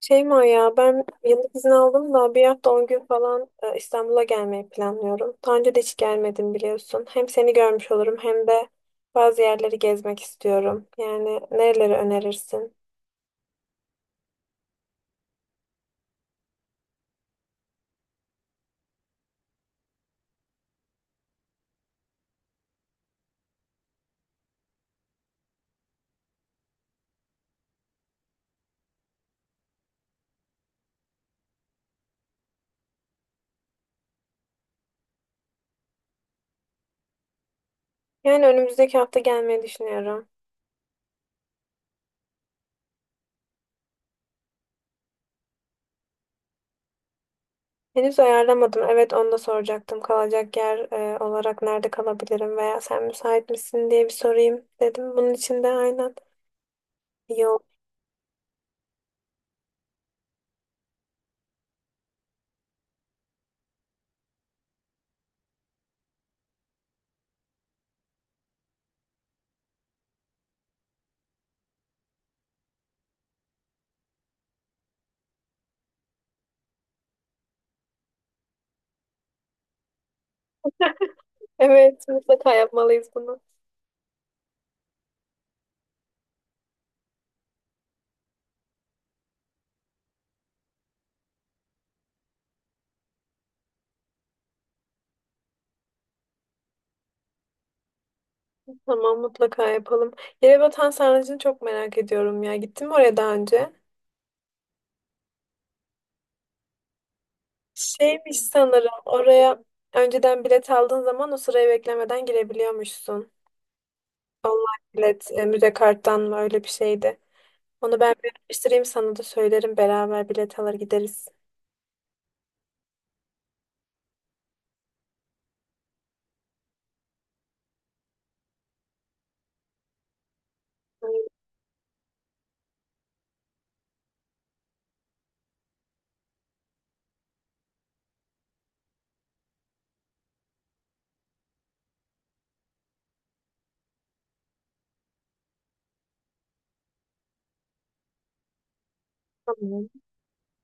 Şeyma ya ben yıllık izin aldım da bir hafta 10 gün falan İstanbul'a gelmeyi planlıyorum. Daha önce de hiç gelmedim biliyorsun. Hem seni görmüş olurum hem de bazı yerleri gezmek istiyorum. Yani nereleri önerirsin? Yani önümüzdeki hafta gelmeyi düşünüyorum. Henüz ayarlamadım. Evet onu da soracaktım. Kalacak yer olarak nerede kalabilirim veya sen müsait misin diye bir sorayım dedim. Bunun için de aynen. Yok. Evet mutlaka yapmalıyız bunu. Tamam mutlaka yapalım. Yerebatan Sarnıcı'nı çok merak ediyorum ya. Gittin mi oraya daha önce? Şeymiş sanırım oraya önceden bilet aldığın zaman o sırayı beklemeden girebiliyormuşsun. Online bilet, müze karttan mı öyle bir şeydi. Onu ben bir araştırayım sana da söylerim. Beraber bilet alır gideriz. Ay. Tamam.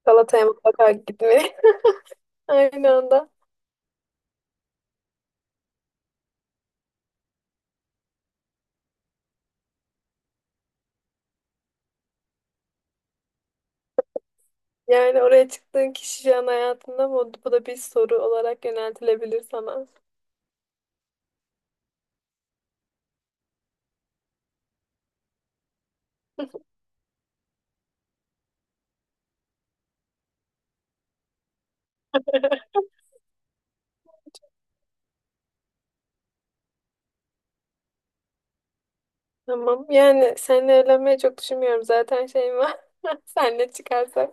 Galata'ya mutlaka gitmeye. Aynı anda. Yani oraya çıktığın kişi şu an hayatında mı? Bu da bir soru olarak yöneltilebilir sana. Tamam. Yani seninle evlenmeyi çok düşünmüyorum. Zaten şeyim var. Seninle çıkarsak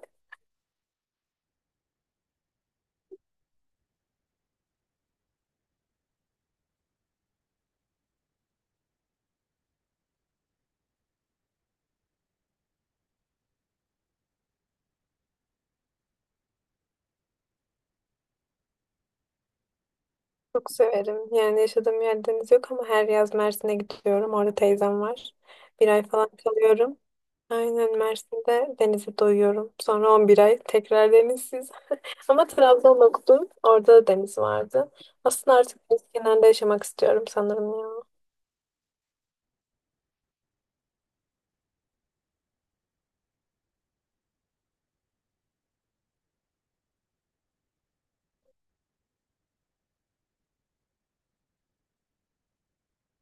çok severim. Yani yaşadığım yer deniz yok ama her yaz Mersin'e gidiyorum. Orada teyzem var. Bir ay falan kalıyorum. Aynen Mersin'de denize doyuyorum. Sonra 11 ay tekrar denizsiz. Ama Trabzon'da okudum. Orada da deniz vardı. Aslında artık deniz kenarında yaşamak istiyorum sanırım ya.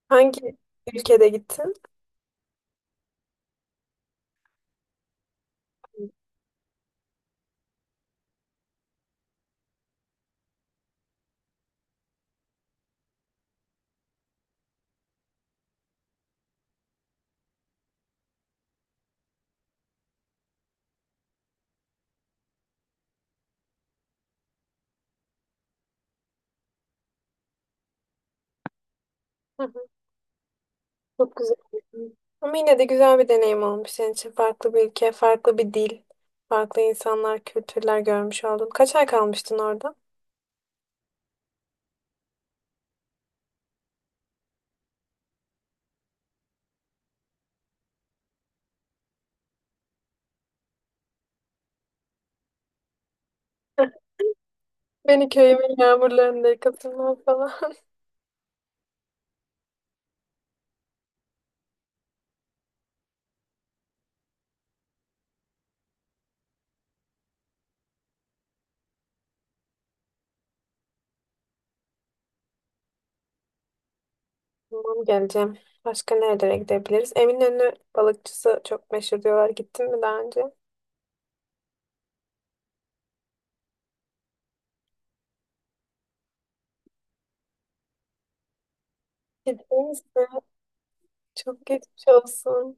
Hangi ülkede gittin? Çok güzel. Ama yine de güzel bir deneyim olmuş senin için. Farklı bir ülke, farklı bir dil, farklı insanlar, kültürler görmüş oldun. Kaç ay kalmıştın orada? Beni köyümün yağmurlarında yıkatırlar falan. Tamam geleceğim. Başka nerelere gidebiliriz? Eminönü balıkçısı çok meşhur diyorlar. Gittin mi daha önce? Gittiniz mi? Çok geçmiş olsun.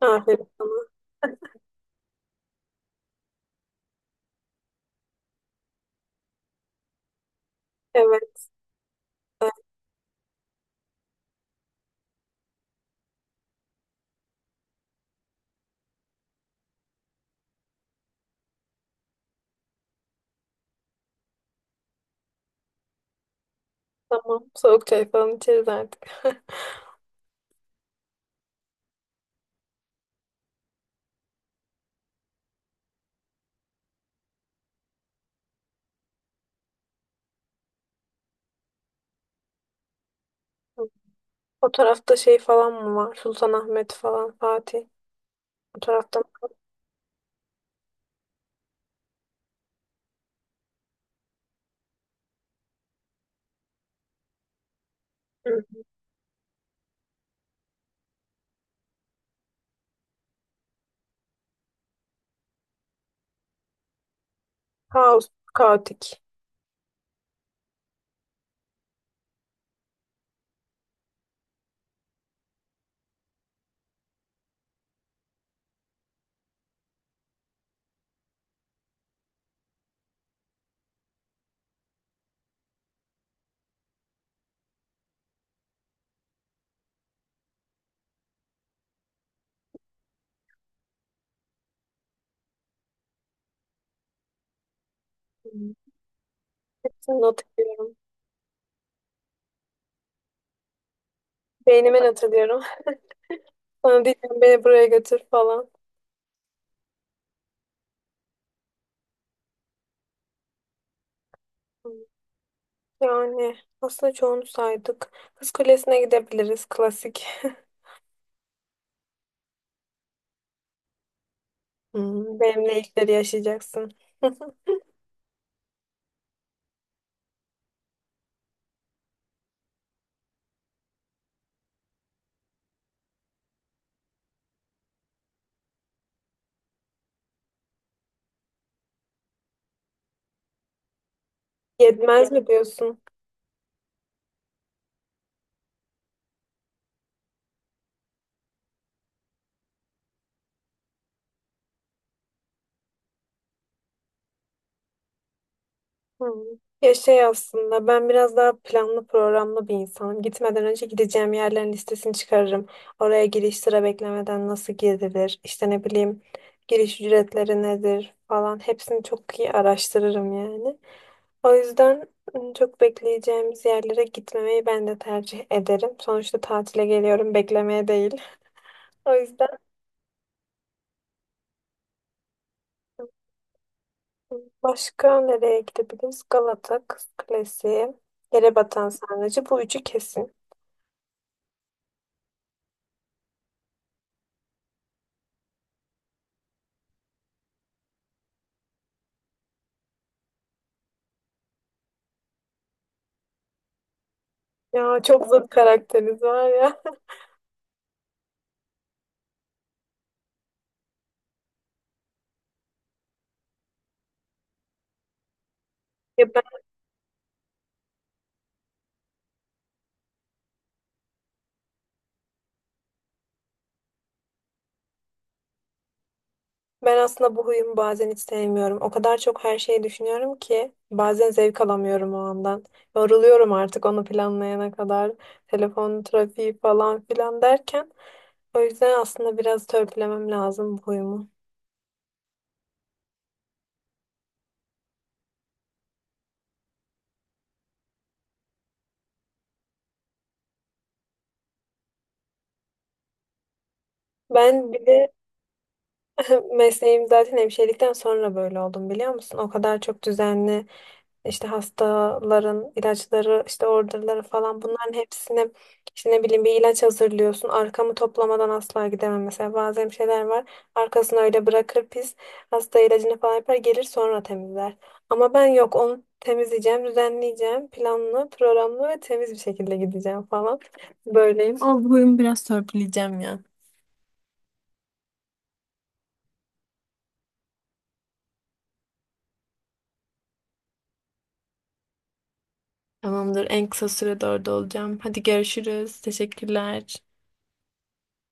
Aferin sana. Evet. Tamam. Soğuk çay falan içeriz artık. O tarafta şey falan mı var? Sultanahmet falan, Fatih. O tarafta mı? Hı. Kaos, kaotik. Hı. Hepsini not ediyorum. Beynime not ediyorum. Sana diyeceğim beni buraya götür falan. Hı. Yani aslında çoğunu saydık. Kız Kulesi'ne gidebiliriz. Klasik. Hı. Benimle ilkleri yaşayacaksın. Yetmez mi diyorsun? Hı. Ya şey aslında ben biraz daha planlı programlı bir insanım. Gitmeden önce gideceğim yerlerin listesini çıkarırım. Oraya giriş sıra beklemeden nasıl girilir, işte ne bileyim giriş ücretleri nedir falan hepsini çok iyi araştırırım yani. O yüzden çok bekleyeceğimiz yerlere gitmemeyi ben de tercih ederim. Sonuçta tatile geliyorum beklemeye değil. O yüzden başka nereye gidebiliriz? Galata, Kız Kulesi, Yerebatan Sarnıcı bu üçü kesin. Ya çok zıt karakteriz var ya. Ya ben, ben aslında bu huyumu bazen hiç sevmiyorum. O kadar çok her şeyi düşünüyorum ki bazen zevk alamıyorum o andan. Yoruluyorum artık onu planlayana kadar. Telefon trafiği falan filan derken. O yüzden aslında biraz törpülemem lazım bu huyumu. Ben bir de mesleğim zaten hemşirelikten sonra böyle oldum biliyor musun? O kadar çok düzenli işte hastaların ilaçları, işte orderları falan bunların hepsini işte ne bileyim bir ilaç hazırlıyorsun. Arkamı toplamadan asla gidemem. Mesela bazen şeyler var. Arkasını öyle bırakır pis. Hasta ilacını falan yapar gelir sonra temizler. Ama ben yok onu temizleyeceğim, düzenleyeceğim. Planlı, programlı ve temiz bir şekilde gideceğim falan. Böyleyim. Olduğum biraz törpüleyeceğim ya. Tamamdır. En kısa sürede orada olacağım. Hadi görüşürüz. Teşekkürler.